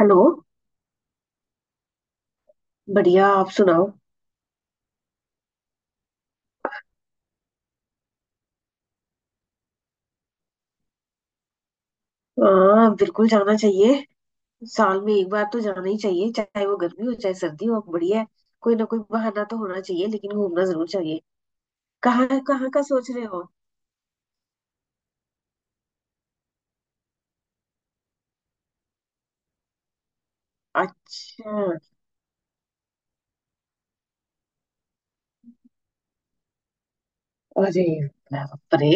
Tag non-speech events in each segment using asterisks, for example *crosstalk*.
Hello. बढ़िया, आप सुनाओ। हाँ, बिल्कुल जाना चाहिए। साल में एक बार तो जाना ही चाहिए, चाहे वो गर्मी हो चाहे सर्दी हो, बढ़िया है। कोई ना कोई बहाना तो होना चाहिए, लेकिन घूमना जरूर चाहिए। कहाँ कहाँ का सोच रहे हो? अच्छा। अरे बाप रे!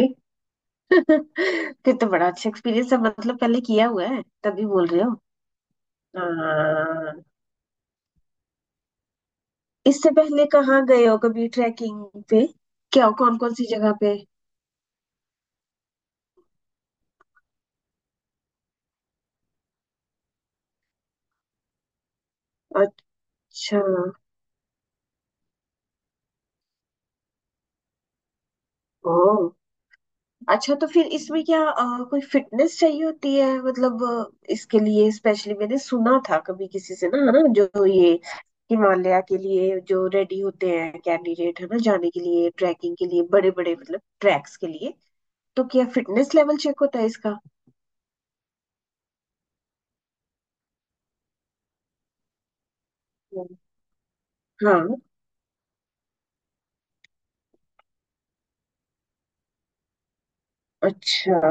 *laughs* फिर तो बड़ा अच्छा एक्सपीरियंस है, मतलब पहले किया हुआ है तभी बोल रहे हो। हाँ। इससे पहले कहाँ गए हो कभी ट्रैकिंग पे? क्या कौन कौन सी जगह पे? अच्छा। ओ। अच्छा, तो फिर इसमें क्या कोई फिटनेस चाहिए होती है? मतलब इसके लिए स्पेशली मैंने सुना था कभी किसी से, ना, है ना, जो ये हिमालय के लिए जो रेडी होते हैं कैंडिडेट, है ना, जाने के लिए ट्रैकिंग के लिए, बड़े बड़े मतलब ट्रैक्स के लिए, तो क्या फिटनेस लेवल चेक होता है इसका? हम्म। हाँ। अच्छा।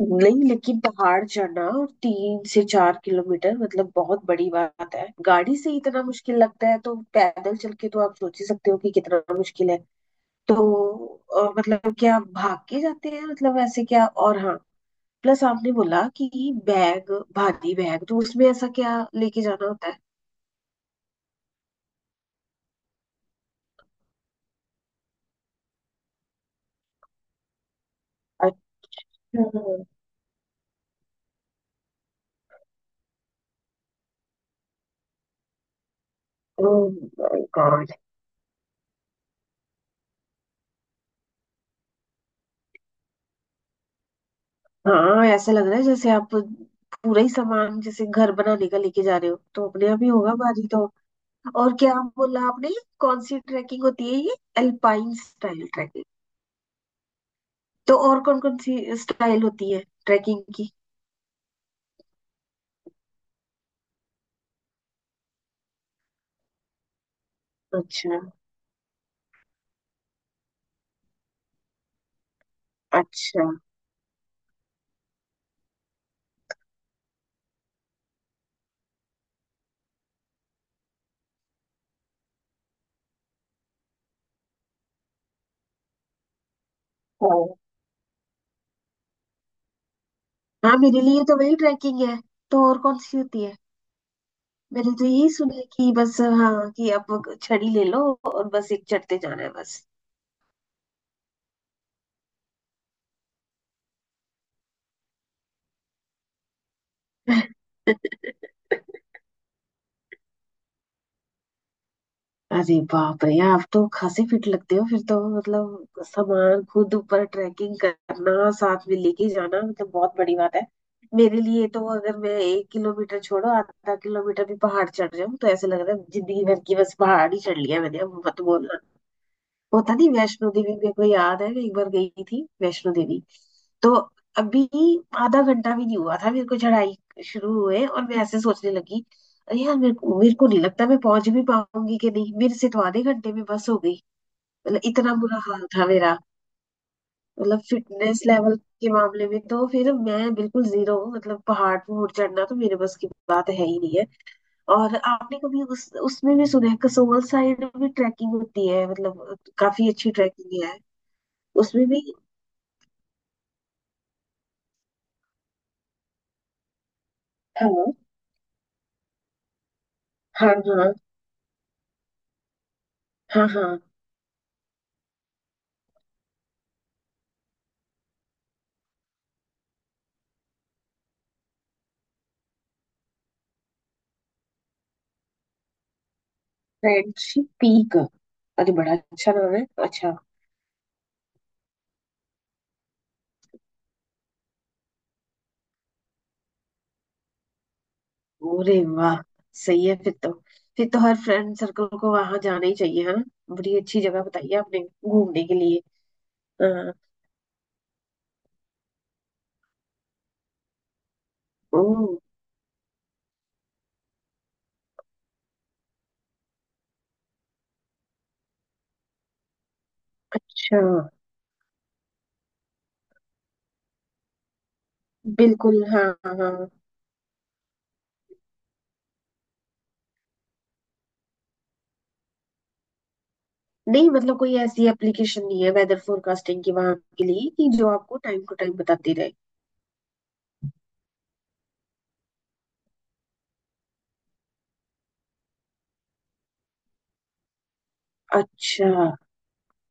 नहीं, लेकिन पहाड़ चढ़ना और 3 से 4 किलोमीटर, मतलब बहुत बड़ी बात है। गाड़ी से ही इतना मुश्किल लगता है, तो पैदल चल के तो आप सोच ही सकते हो कि कितना मुश्किल है। तो मतलब क्या भाग के जाते हैं? मतलब ऐसे क्या? और हाँ, प्लस आपने बोला कि बैग, भारी बैग, तो उसमें ऐसा क्या लेके जाना होता है? अच्छा। Oh my god! हाँ, ऐसा लग रहा है जैसे आप पूरा ही सामान जैसे घर बनाने का लेके जा रहे हो, तो अपने आप ही होगा भारी तो। और क्या बोला आपने? कौन सी ट्रैकिंग होती है ये, अल्पाइन स्टाइल ट्रैकिंग? तो और कौन कौन सी स्टाइल होती है ट्रैकिंग की? अच्छा। अच्छा। हाँ, मेरे लिए तो वही ट्रैकिंग है। तो और कौन सी होती है? मैंने तो यही सुना है कि बस, हाँ, कि अब छड़ी ले लो और बस एक चढ़ते जाना है बस। *laughs* अरे बाप रे! आप तो खासे फिट लगते हो, फिर तो मतलब सामान खुद ऊपर ट्रैकिंग करना, साथ में लेके जाना, मतलब बहुत बड़ी बात है। मेरे लिए तो अगर मैं 1 किलोमीटर छोड़ो, आधा किलोमीटर भी पहाड़ चढ़ जाऊं, तो ऐसे लग रहा है जिंदगी भर की बस पहाड़ ही चढ़ लिया मैंने, अब मत बोलना। होता नहीं। वैष्णो देवी, मेरे को याद है मैं एक बार गई थी वैष्णो देवी, तो अभी आधा घंटा भी नहीं हुआ था मेरे को चढ़ाई शुरू हुए, और मैं ऐसे सोचने लगी, अरे यार, मेरे को नहीं लगता मैं पहुंच भी पाऊंगी कि नहीं, मेरे से तो आधे घंटे में बस हो गई। मतलब इतना बुरा हाल था मेरा। मतलब फिटनेस लेवल के मामले में तो फिर मैं बिल्कुल जीरो हूँ, मतलब पहाड़ पर चढ़ना तो मेरे बस की बात है ही नहीं है। और आपने कभी उस उसमें भी सुना है कसोल साइड में ट्रैकिंग होती है, मतलब काफी अच्छी ट्रैकिंग है उसमें भी। हेलो? हाँ हाँ हाँ। हाँ। Friendship peak? अरे बड़ा अच्छा नाम है, अच्छा। अरे वाह! सही है फिर तो। फिर तो हर फ्रेंड सर्कल को वहां जाना ही चाहिए, है ना? बड़ी अच्छी जगह बताई है आपने घूमने के लिए। हाँ। ओ अच्छा। बिल्कुल हाँ हाँ हाँ। नहीं, मतलब कोई ऐसी एप्लीकेशन नहीं है वेदर फोरकास्टिंग की वहां के लिए, कि जो आपको टाइम टू टाइम बताती रहे? अच्छा।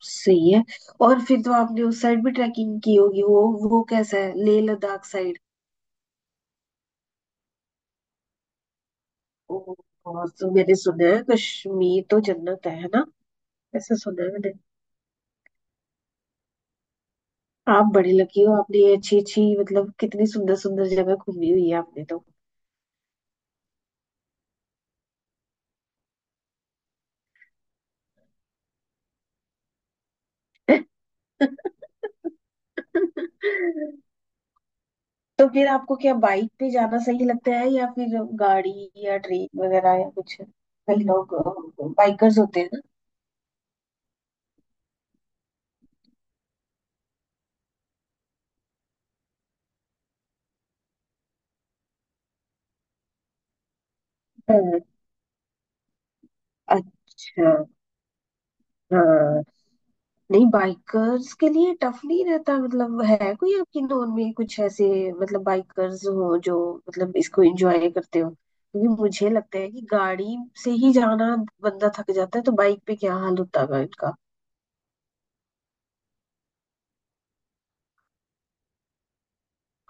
सही है। और फिर तो आपने उस साइड भी ट्रैकिंग की होगी, वो कैसा है, लेह लद्दाख साइड? ओ। और तो मैंने सुना है कश्मीर तो जन्नत है ना? ऐसा सुना है मैंने। आप बड़ी लकी हो, आपने ये अच्छी अच्छी मतलब कितनी सुंदर सुंदर जगह घूमी हुई है आपने तो। *laughs* तो फिर आपको क्या बाइक पे जाना सही लगता है, या फिर गाड़ी या ट्रेन वगैरह या कुछ? कई लोग बाइकर्स होते हैं ना। हाँ। अच्छा। हाँ। नहीं, बाइकर्स के लिए टफ नहीं रहता, मतलब है कोई आपकी नोन में कुछ ऐसे, मतलब बाइकर्स हो जो, मतलब इसको एंजॉय करते हो? क्योंकि मुझे लगता है कि गाड़ी से ही जाना बंदा थक जाता है, तो बाइक पे क्या हाल होता है इनका।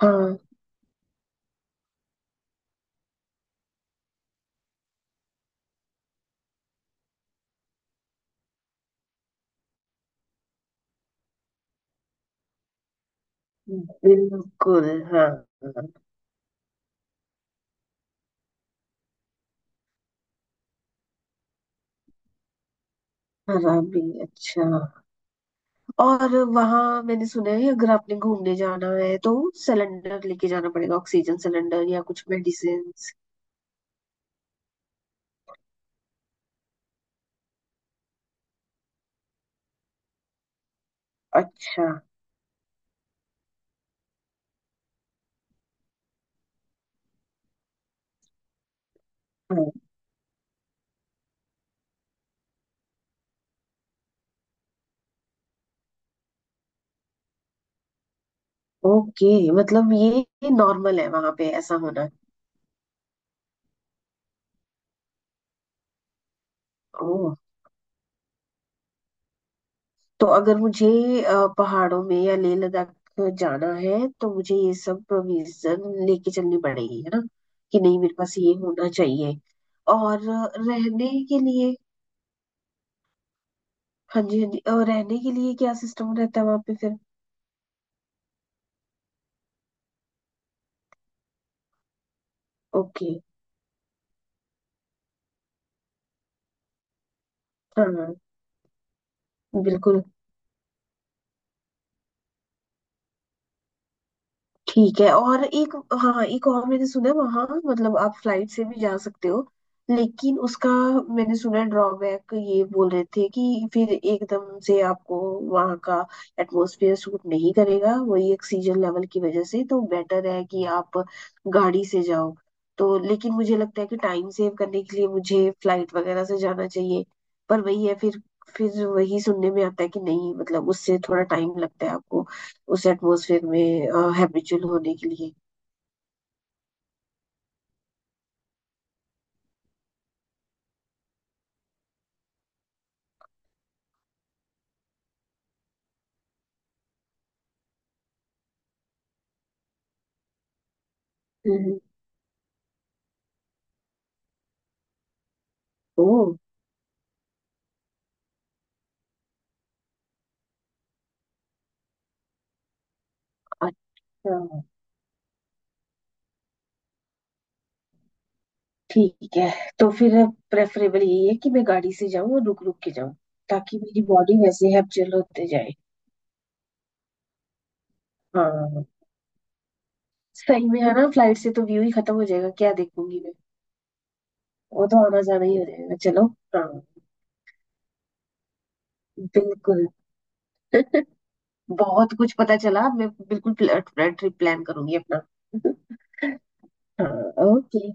हाँ। बिल्कुल हाँ। हराबी, अच्छा। और वहां, मैंने सुना है अगर आपने घूमने जाना है तो सिलेंडर लेके जाना पड़ेगा, ऑक्सीजन सिलेंडर या कुछ मेडिसिन? अच्छा। हाँ। ओके। मतलब ये नॉर्मल है वहां पे ऐसा होना? ओह। तो अगर मुझे अ, पहाड़ों में या लेह लद्दाख जाना है तो मुझे ये सब प्रोविजन लेके चलनी पड़ेगी, है ना? कि नहीं, मेरे पास ये होना चाहिए। और रहने के लिए, हाँ जी हाँ जी, और रहने के लिए क्या सिस्टम रहता है वहां पे फिर? ओके। हाँ। बिल्कुल। ठीक है। और एक, हाँ, एक और मैंने सुना है वहाँ, मतलब आप फ्लाइट से भी जा सकते हो, लेकिन उसका मैंने सुना ड्रॉबैक ये बोल रहे थे कि फिर एकदम से आपको वहाँ का एटमॉस्फेयर सूट नहीं करेगा, वही ऑक्सीजन लेवल की वजह से, तो बेटर है कि आप गाड़ी से जाओ। तो लेकिन मुझे लगता है कि टाइम सेव करने के लिए मुझे फ्लाइट वगैरह से जाना चाहिए। पर वही है, फिर वही सुनने में आता है कि नहीं, मतलब उससे थोड़ा टाइम लगता है आपको उस एटमॉस्फेयर में हैबिचुअल होने के लिए। हम्म। ओ। अच्छा। ठीक है। तो फिर प्रेफरेबल यही है कि मैं गाड़ी से जाऊं और रुक रुक के जाऊं ताकि मेरी बॉडी वैसे हैबिचुअल होते जाए। हाँ, सही में, है ना? फ्लाइट से तो व्यू ही खत्म हो जाएगा, क्या देखूंगी मैं? वो तो आना जाना ही हो जाएगा, चलो। हाँ बिल्कुल। *laughs* बहुत कुछ पता चला, मैं बिल्कुल ट्रिप प्लान करूंगी अपना। *laughs* हाँ। ओके।